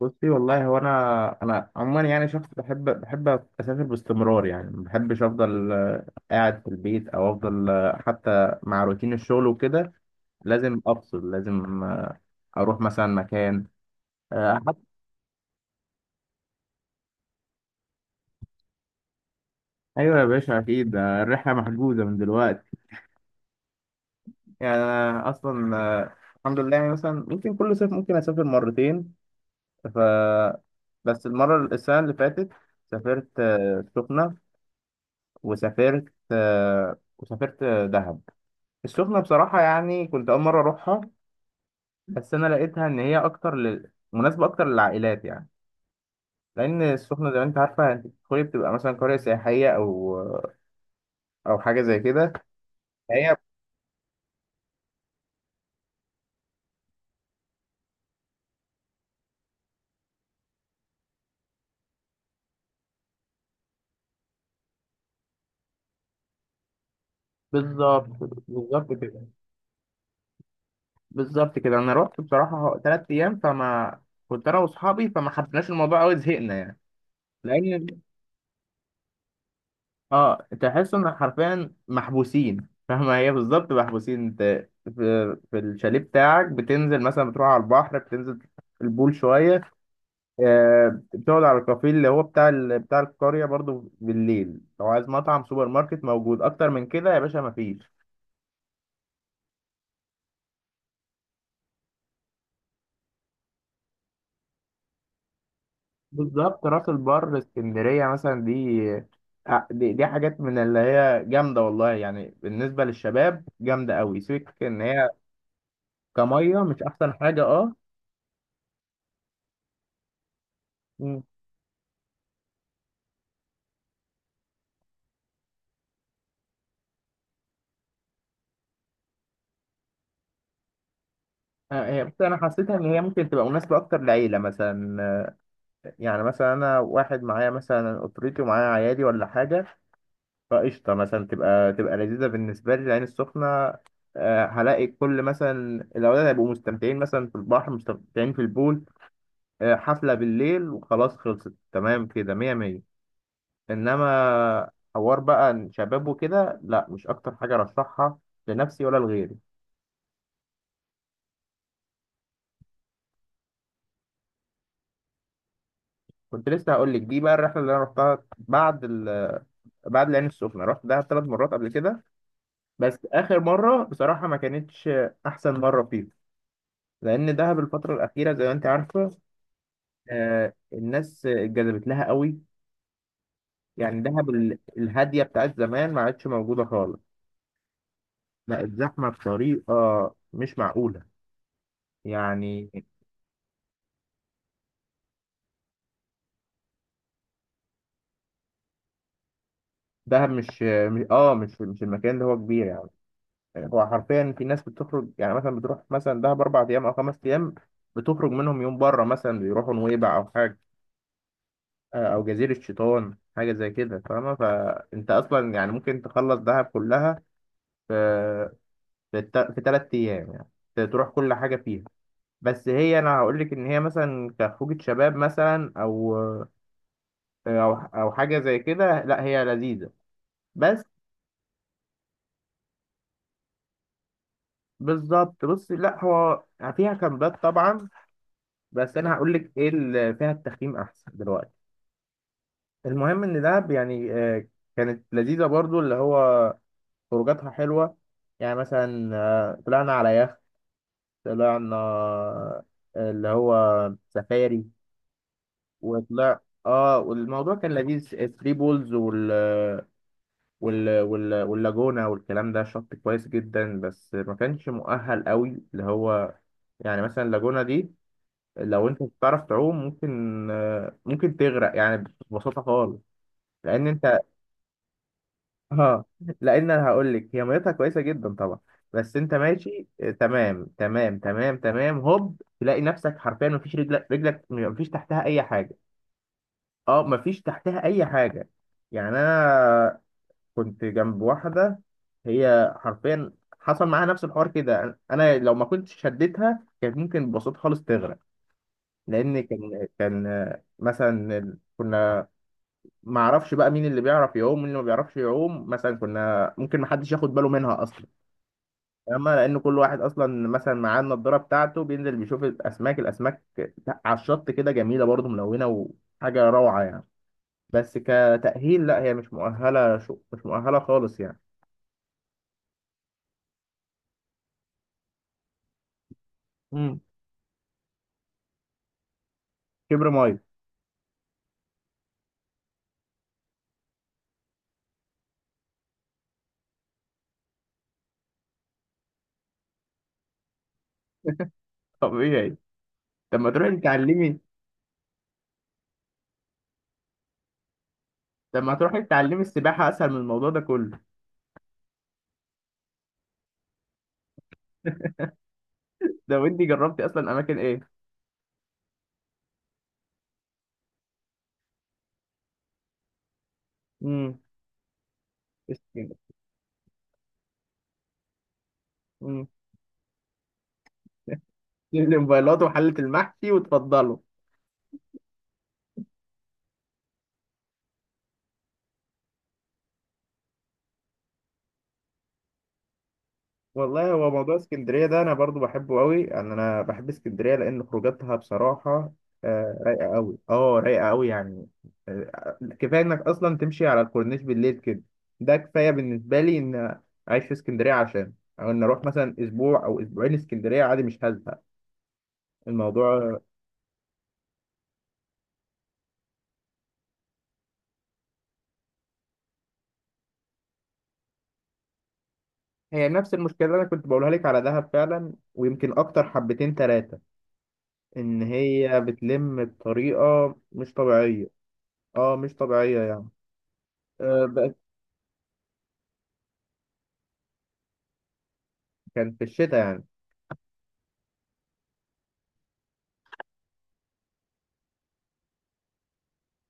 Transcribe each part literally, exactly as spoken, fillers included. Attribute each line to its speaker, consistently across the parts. Speaker 1: بصي والله هو انا انا عموما يعني شخص بحب بحب اسافر باستمرار. يعني ما بحبش افضل آه، قاعد في البيت او افضل آه، حتى مع روتين الشغل وكده لازم افصل، لازم آه، اروح مثلا مكان آه، حتى ايوه يا باشا اكيد، آه، الرحله محجوزه من دلوقتي. يعني انا اصلا، آه، الحمد لله، يعني مثلا ممكن كل صيف ممكن اسافر مرتين. ف بس المره السنه اللي فاتت سافرت آه، السخنه، وسافرت آه، وسافرت آه، دهب. السخنة بصراحة يعني كنت أول مرة أروحها، بس أنا لقيتها إن هي أكتر لل... مناسبة أكتر للعائلات يعني، لأن السخنة زي ما أنت عارفة أنت بتدخلي بتبقى مثلا قرية سياحية أو أو حاجة زي كده. هي بالظبط، بالظبط كده، بالظبط كده. أنا رحت بصراحة تلات أيام، فما كنت أنا وأصحابي، فما حبيناش الموضوع أوي، زهقنا يعني. لأن أه تحس إن حرفيا محبوسين، فاهمة؟ هي بالظبط، محبوسين. أنت في في الشاليه بتاعك، بتنزل مثلا بتروح على البحر، بتنزل البول شوية، آه، بتقعد على الكافيه اللي هو بتاع ال... بتاع القرية برضو. بالليل لو عايز مطعم سوبر ماركت موجود. أكتر من كده يا باشا مفيش. بالظبط. راس البر، اسكندرية مثلا، دي آه، دي, دي حاجات من اللي هي جامدة والله، يعني بالنسبة للشباب جامدة أوي، سيبك إن هي كمية، مش أحسن حاجة؟ أه. مم. آه، هي بس أنا حسيتها إن هي ممكن تبقى مناسبة أكتر لعيلة مثلا. آه، يعني مثلا أنا واحد معايا مثلا أسرتي ومعايا عيالي ولا حاجة، فقشطة مثلا، تبقى تبقى لذيذة بالنسبة لي العين السخنة. آه، هلاقي كل مثلا الأولاد هيبقوا مستمتعين مثلا في البحر، مستمتعين في البول، آه، حفلة بالليل، وخلاص، خلصت، تمام كده، مية مية. إنما حوار بقى شباب وكده لا، مش أكتر حاجة أرشحها لنفسي ولا لغيري. كنت لسه هقول لك دي بقى الرحلة اللي أنا رحتها بعد ال... بعد العين السخنة. رحت دهب ثلاث مرات قبل كده، بس آخر مرة بصراحة ما كانتش أحسن مرة فيها، لأن دهب الفترة الأخيرة زي ما أنت عارفة، آه، الناس اتجذبت لها قوي. يعني دهب ال- الهاديه بتاعت زمان ما عادش موجوده خالص، بقت زحمه بطريقه مش معقوله يعني. دهب مش مش- اه مش مش المكان اللي هو كبير يعني. هو حرفيا في ناس بتخرج، يعني مثلا بتروح مثلا دهب اربع ايام او خمس ايام، بتخرج منهم يوم بره، مثلا بيروحوا نويبع او حاجه، آه، او جزيره شيطان، حاجه زي كده، فاهمه؟ فانت اصلا يعني ممكن تخلص دهب كلها في في ثلاث ايام يعني، تروح كل حاجه فيها. بس هي، انا هقول لك، ان هي مثلا كخروجة شباب مثلا او او او حاجه زي كده، لا هي لذيذه بس. بالظبط. بص، لا هو فيها كامبات طبعا، بس انا هقول لك ايه اللي فيها، التخييم احسن دلوقتي. المهم ان دهب يعني، آه، كانت لذيذه برضو، اللي هو خروجاتها حلوه. يعني مثلا آه، طلعنا على يخت، طلعنا آه، اللي هو سفاري. وطلع، اه والموضوع كان لذيذ. ثري بولز وال وال... وال... واللاجونة والكلام ده، شط كويس جدا، بس ما كانش مؤهل قوي. اللي هو يعني مثلا اللاجونة دي، لو انت مش بتعرف تعوم ممكن آه، ممكن تغرق يعني، ببساطة خالص. لان انت اه، لان انا هقول لك، هي ميتها كويسة جدا طبعا، بس انت ماشي آه، تمام تمام تمام تمام، هوب تلاقي نفسك حرفيا مفيش، رجلك رجلك مفيش تحتها اي حاجة. اه مفيش تحتها اي حاجة، يعني انا كنت جنب واحدة، هي حرفيا حصل معاها نفس الحوار كده. انا لو ما كنتش شديتها كانت ممكن ببساطة خالص تغرق، لان كان كان آه، مثلا ال- كنا ما اعرفش بقى مين اللي بيعرف يعوم ومين اللي ما بيعرفش يعوم، مثلا كنا ممكن ما حدش ياخد باله منها اصلا، اما لان كل واحد اصلا مثلا معاه النضاره بتاعته بينزل بيشوف الاسماك الاسماك على الشط كده، جميله برضه، ملونه، وحاجه روعه يعني. بس كتأهيل لا، هي مش مؤهله، شو مش مؤهله خالص يعني. مم. كبر ميه. طبيعي. طب ما تروحي تتعلمي. طب ما تروحي تتعلمي السباحة أسهل من الموضوع ده كله. ده وأنتي جربتي أصلا أماكن إيه؟ امم. اسكندرية. امم. الموبايلات وحلة المحشي وتفضلوا. والله هو موضوع اسكندرية ده أنا برضو بحبه قوي، يعني أنا بحب اسكندرية لأن خروجاتها بصراحة آه، رايقة قوي، أه رايقة قوي يعني. آه، كفاية إنك أصلا تمشي على الكورنيش بالليل كده، ده كفاية بالنسبة لي إن أعيش في اسكندرية، عشان أو إن أروح مثلا أسبوع أو أسبوعين اسكندرية عادي مش هزهق. الموضوع هي نفس المشكلة اللي أنا كنت بقولها لك على دهب فعلا، ويمكن أكتر حبتين تلاتة، إن هي بتلم بطريقة مش طبيعية، أه مش طبيعية يعني. أه بقت. كان في الشتاء يعني.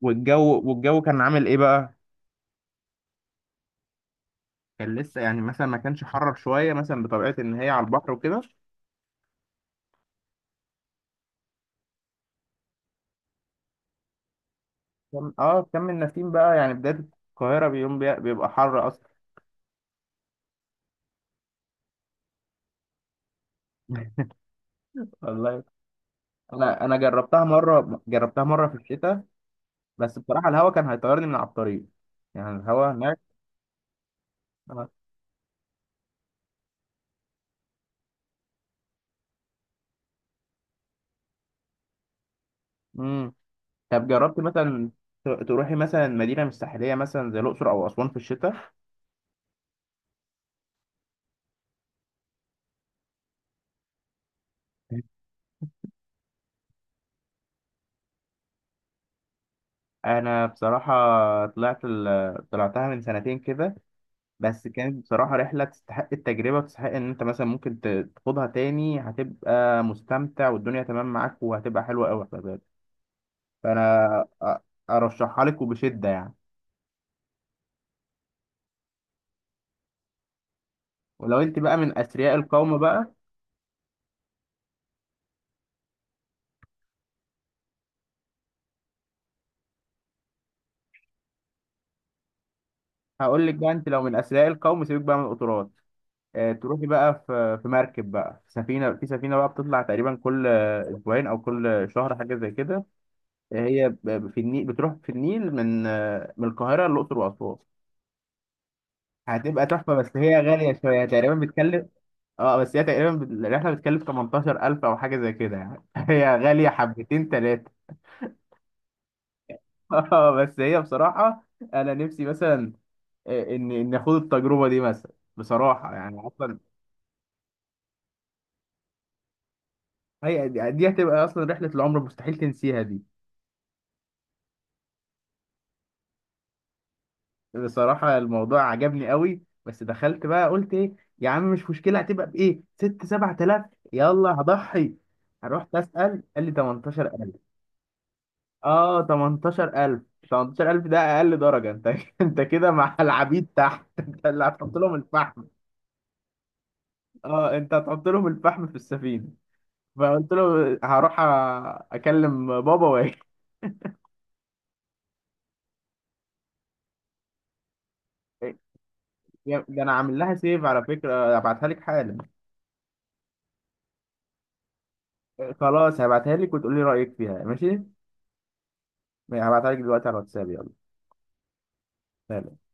Speaker 1: والجو والجو كان عامل إيه بقى؟ كان لسه يعني مثلا ما كانش حرر شوية مثلا، بطبيعة إن هي على البحر وكده، كان أه كان النسيم بقى. يعني بداية القاهرة بيوم بي- بيبقى حر أصلا. والله أنا أنا جربتها مرة جربتها مرة في الشتاء، بس بصراحة الهوا كان هيطيرني من على الطريق، يعني الهوا هناك. طب جربت مثلا ت- تروحي مثلا مدينة مش ساحلية مثلا زي الأقصر أو أسوان في الشتاء؟ أنا بصراحة طلعت ال... طلعتها من سنتين كده، بس كانت بصراحة رحلة تستحق التجربة وتستحق إن أنت مثلا ممكن ت- تخوضها تاني، هتبقى مستمتع والدنيا تمام معاك، وهتبقى حلوة أوي خلي بالك. فأنا أ- أرشحها لك وبشدة يعني. ولو أنت بقى من أثرياء القوم بقى، هقول لك بقى، أنت لو من أثرياء القوم سيبك بقى من القطارات. آه، تروحي بقى في في مركب بقى، في سفينة، في سفينة بقى بتطلع تقريبا كل آه، أسبوعين أو كل شهر حاجة زي كده. آه، هي ب- في النيل، بتروح في النيل من آه، من القاهرة للأقصر وأسوان. هتبقى تحفة بس هي غالية شوية، تقريبا بتكلف، اه بس هي تقريبا بت- الرحلة بتكلف تمنتاشر ألف أو حاجة زي كده يعني. هي غالية حبتين تلاتة. اه بس هي بصراحة، أنا نفسي مثلا آه، إن إن آخد التجربة دي مثلا، بصراحة يعني أصلا هي دي دي هتبقى أصلا رحلة العمر، مستحيل تنسيها دي. بصراحة الموضوع عجبني قوي، بس دخلت بقى قلت ايه يا عم مش مشكلة، هتبقى بإيه، ست سبعة آلاف، يلا هضحي. رحت أسأل قال لي تمنتاشر ألف. اه تمنتاشر ألف. تمنتاشر ألف ده أقل درجة انت. انت كده مع العبيد تحت. انت اللي هتحط لهم الفحم. اه انت هتحط لهم الفحم في السفينة. فقلت له هروح أ- اكلم بابا واجي. يا- ده انا عامل لها سيف على فكرة، ابعتها لك حالا. خلاص هبعتها لك وتقولي رأيك فيها، ماشي؟ يعني هبعتها لك دلوقتي على الواتساب. يلا سلام.